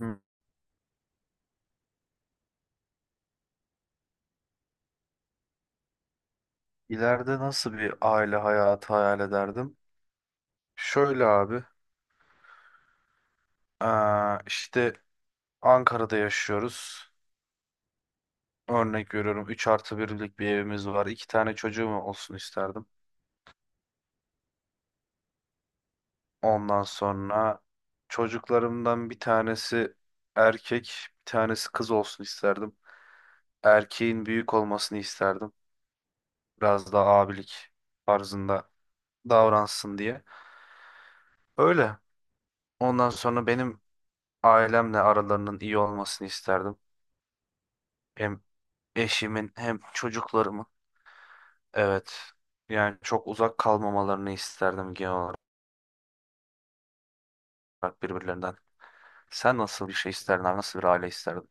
Hı. İleride nasıl bir aile hayatı hayal ederdim? Şöyle abi, işte Ankara'da yaşıyoruz. Örnek veriyorum, 3 artı birlik bir evimiz var. İki tane çocuğum olsun isterdim. Ondan sonra çocuklarımdan bir tanesi erkek, bir tanesi kız olsun isterdim. Erkeğin büyük olmasını isterdim. Biraz daha abilik tarzında davransın diye. Öyle. Ondan sonra benim ailemle aralarının iyi olmasını isterdim. Hem eşimin hem çocuklarımın, evet, yani çok uzak kalmamalarını isterdim genel olarak birbirlerinden. Sen nasıl bir şey isterdin abi? Nasıl bir aile isterdin?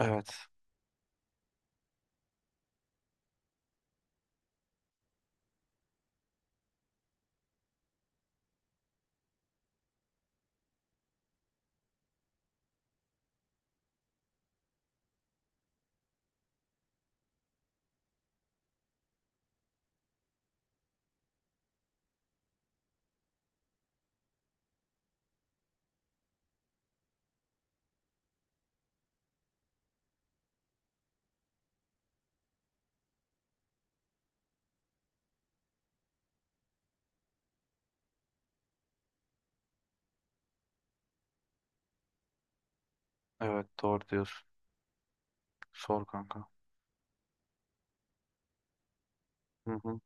Evet. Evet, doğru diyorsun. Sor kanka. Hı hı.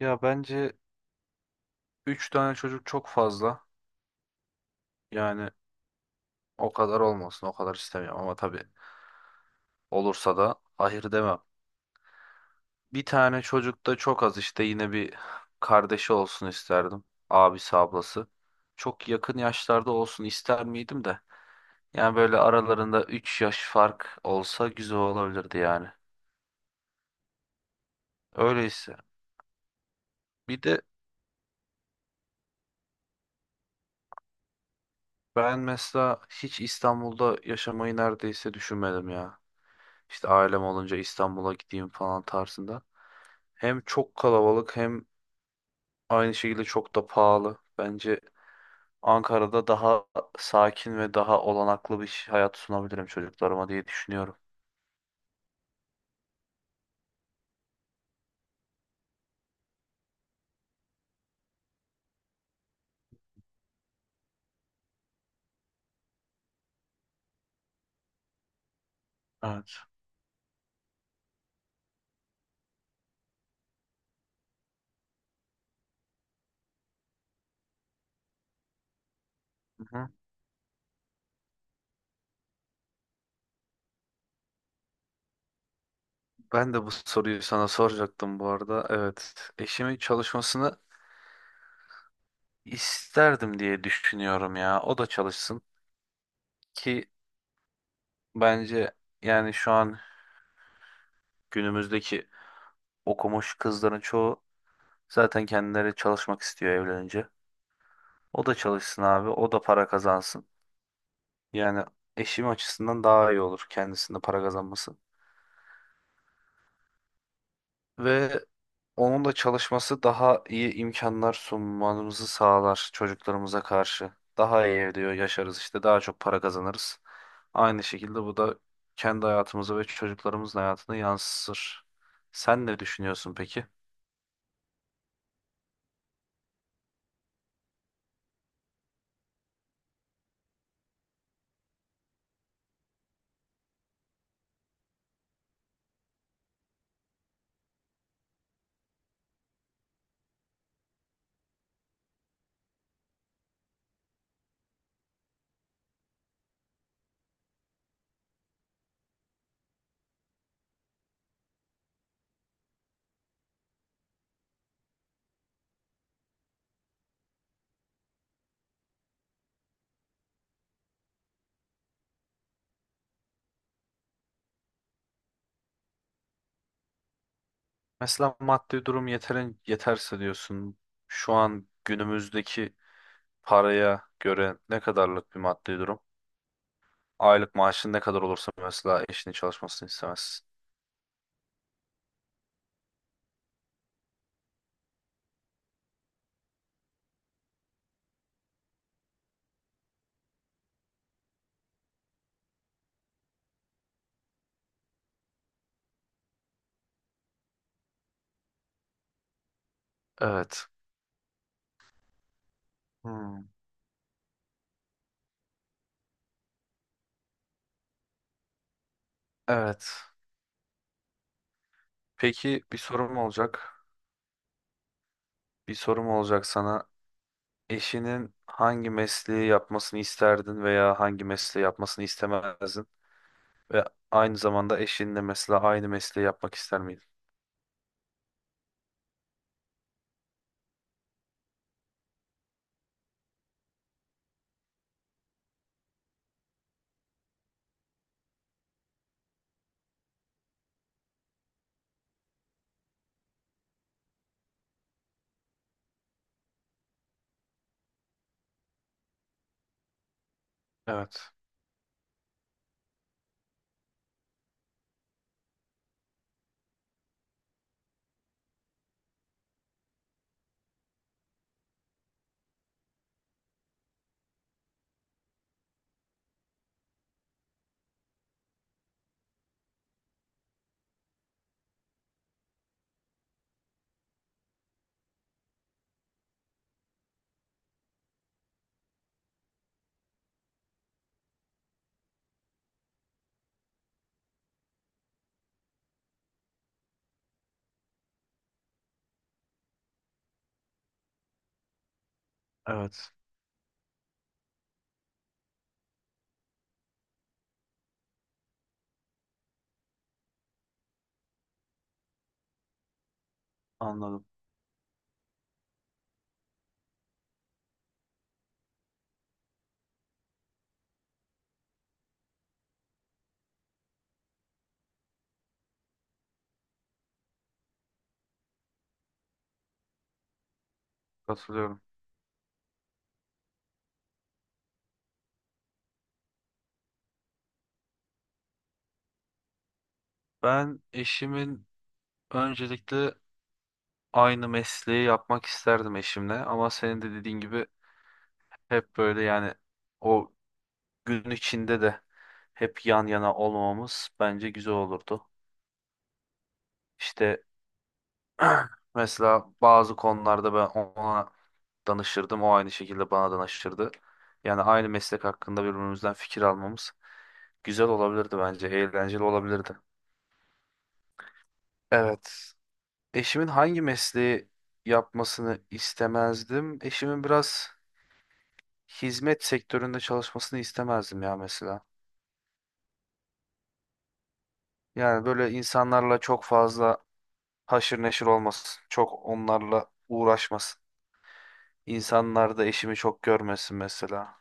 Ya bence 3 tane çocuk çok fazla. Yani o kadar olmasın, o kadar istemiyorum ama tabii olursa da hayır demem. Bir tane çocuk da çok az, işte yine bir kardeşi olsun isterdim. Abisi ablası. Çok yakın yaşlarda olsun ister miydim de. Yani böyle aralarında 3 yaş fark olsa güzel olabilirdi yani. Öyleyse. Bir de ben mesela hiç İstanbul'da yaşamayı neredeyse düşünmedim ya. İşte ailem olunca İstanbul'a gideyim falan tarzında. Hem çok kalabalık hem aynı şekilde çok da pahalı. Bence Ankara'da daha sakin ve daha olanaklı bir hayat sunabilirim çocuklarıma diye düşünüyorum. Evet. Hı hı. Ben de bu soruyu sana soracaktım bu arada. Evet. Eşimin çalışmasını İsterdim diye düşünüyorum ya. O da çalışsın ki, bence, yani şu an günümüzdeki okumuş kızların çoğu zaten kendileri çalışmak istiyor evlenince. O da çalışsın abi, o da para kazansın. Yani eşim açısından daha iyi olur kendisinde para kazanması. Ve onun da çalışması daha iyi imkanlar sunmamızı sağlar çocuklarımıza karşı. Daha iyi diyor yaşarız, işte daha çok para kazanırız. Aynı şekilde bu da kendi hayatımıza ve çocuklarımızın hayatını yansır. Sen ne düşünüyorsun peki? Mesela maddi durum yeterin yeterse diyorsun. Şu an günümüzdeki paraya göre ne kadarlık bir maddi durum? Aylık maaşın ne kadar olursa mesela eşinin çalışmasını istemezsin. Evet. Hmm. Evet. Peki, bir sorum olacak. Bir sorum olacak sana. Eşinin hangi mesleği yapmasını isterdin veya hangi mesleği yapmasını istemezdin? Ve aynı zamanda eşinle mesela aynı mesleği yapmak ister miydin? Evet, evet. Anladım. Katılıyorum. Ben eşimin öncelikle aynı mesleği yapmak isterdim eşimle ama senin de dediğin gibi hep böyle, yani o gün içinde de hep yan yana olmamamız bence güzel olurdu. İşte mesela bazı konularda ben ona danışırdım. O aynı şekilde bana danışırdı. Yani aynı meslek hakkında birbirimizden fikir almamız güzel olabilirdi bence. Eğlenceli olabilirdi. Evet. Eşimin hangi mesleği yapmasını istemezdim? Eşimin biraz hizmet sektöründe çalışmasını istemezdim ya mesela. Yani böyle insanlarla çok fazla haşır neşir olmasın. Çok onlarla uğraşmasın. İnsanlar da eşimi çok görmesin mesela.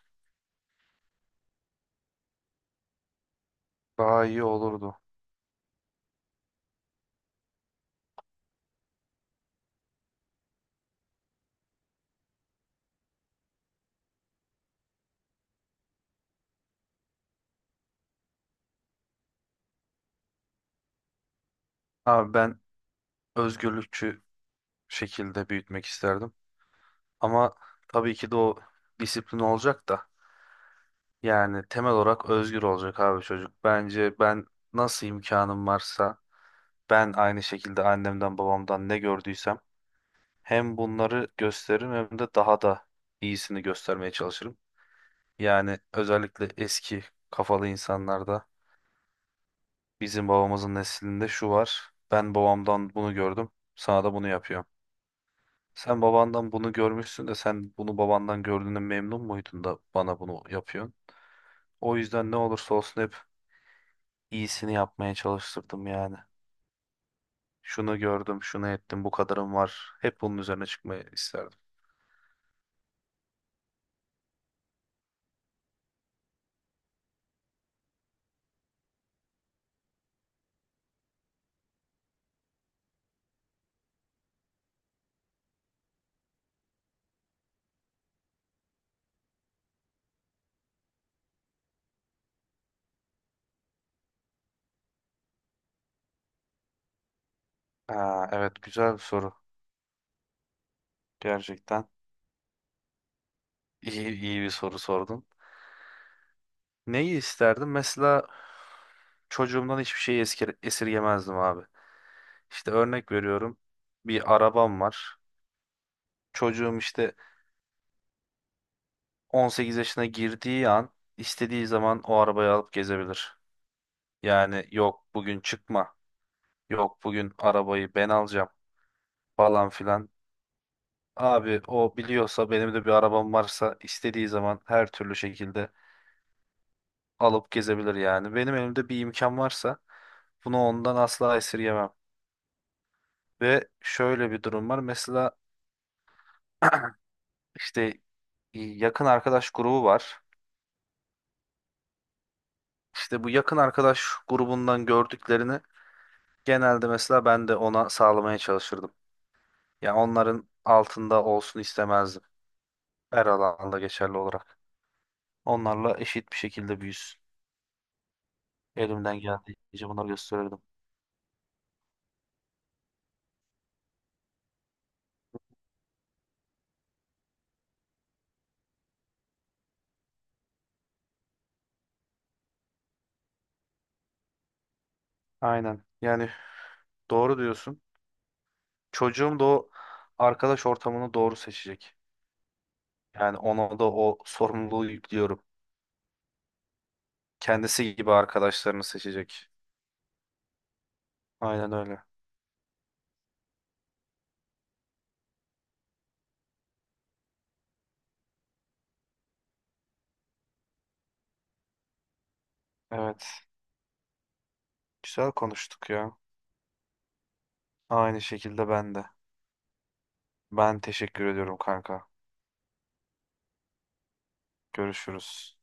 Daha iyi olurdu. Abi ben özgürlükçü şekilde büyütmek isterdim. Ama tabii ki de o disiplin olacak da. Yani temel olarak özgür olacak abi çocuk. Bence ben nasıl imkanım varsa, ben aynı şekilde annemden babamdan ne gördüysem hem bunları gösteririm hem de daha da iyisini göstermeye çalışırım. Yani özellikle eski kafalı insanlarda, bizim babamızın neslinde şu var: ben babamdan bunu gördüm, sana da bunu yapıyorum. Sen babandan bunu görmüşsün de sen bunu babandan gördüğüne memnun muydun da bana bunu yapıyorsun? O yüzden ne olursa olsun hep iyisini yapmaya çalıştırdım yani. Şunu gördüm, şunu ettim, bu kadarım var. Hep bunun üzerine çıkmayı isterdim. Ha, evet, güzel bir soru. Gerçekten iyi bir soru sordun. Neyi isterdim? Mesela çocuğumdan hiçbir şeyi esirgemezdim abi. İşte örnek veriyorum. Bir arabam var. Çocuğum işte 18 yaşına girdiği an istediği zaman o arabayı alıp gezebilir. Yani yok bugün çıkma, yok bugün arabayı ben alacağım falan filan. Abi o biliyorsa benim de bir arabam varsa istediği zaman her türlü şekilde alıp gezebilir yani. Benim elimde bir imkan varsa bunu ondan asla esirgemem. Ve şöyle bir durum var. Mesela işte yakın arkadaş grubu var. İşte bu yakın arkadaş grubundan gördüklerini genelde mesela ben de ona sağlamaya çalışırdım. Ya onların altında olsun istemezdim. Her alanda geçerli olarak. Onlarla eşit bir şekilde büyüsün. Elimden geldiğince bunları gösterirdim. Aynen. Yani doğru diyorsun. Çocuğum da o arkadaş ortamını doğru seçecek. Yani ona da o sorumluluğu yüklüyorum. Kendisi gibi arkadaşlarını seçecek. Aynen öyle. Evet. Güzel konuştuk ya. Aynı şekilde ben de. Ben teşekkür ediyorum kanka. Görüşürüz.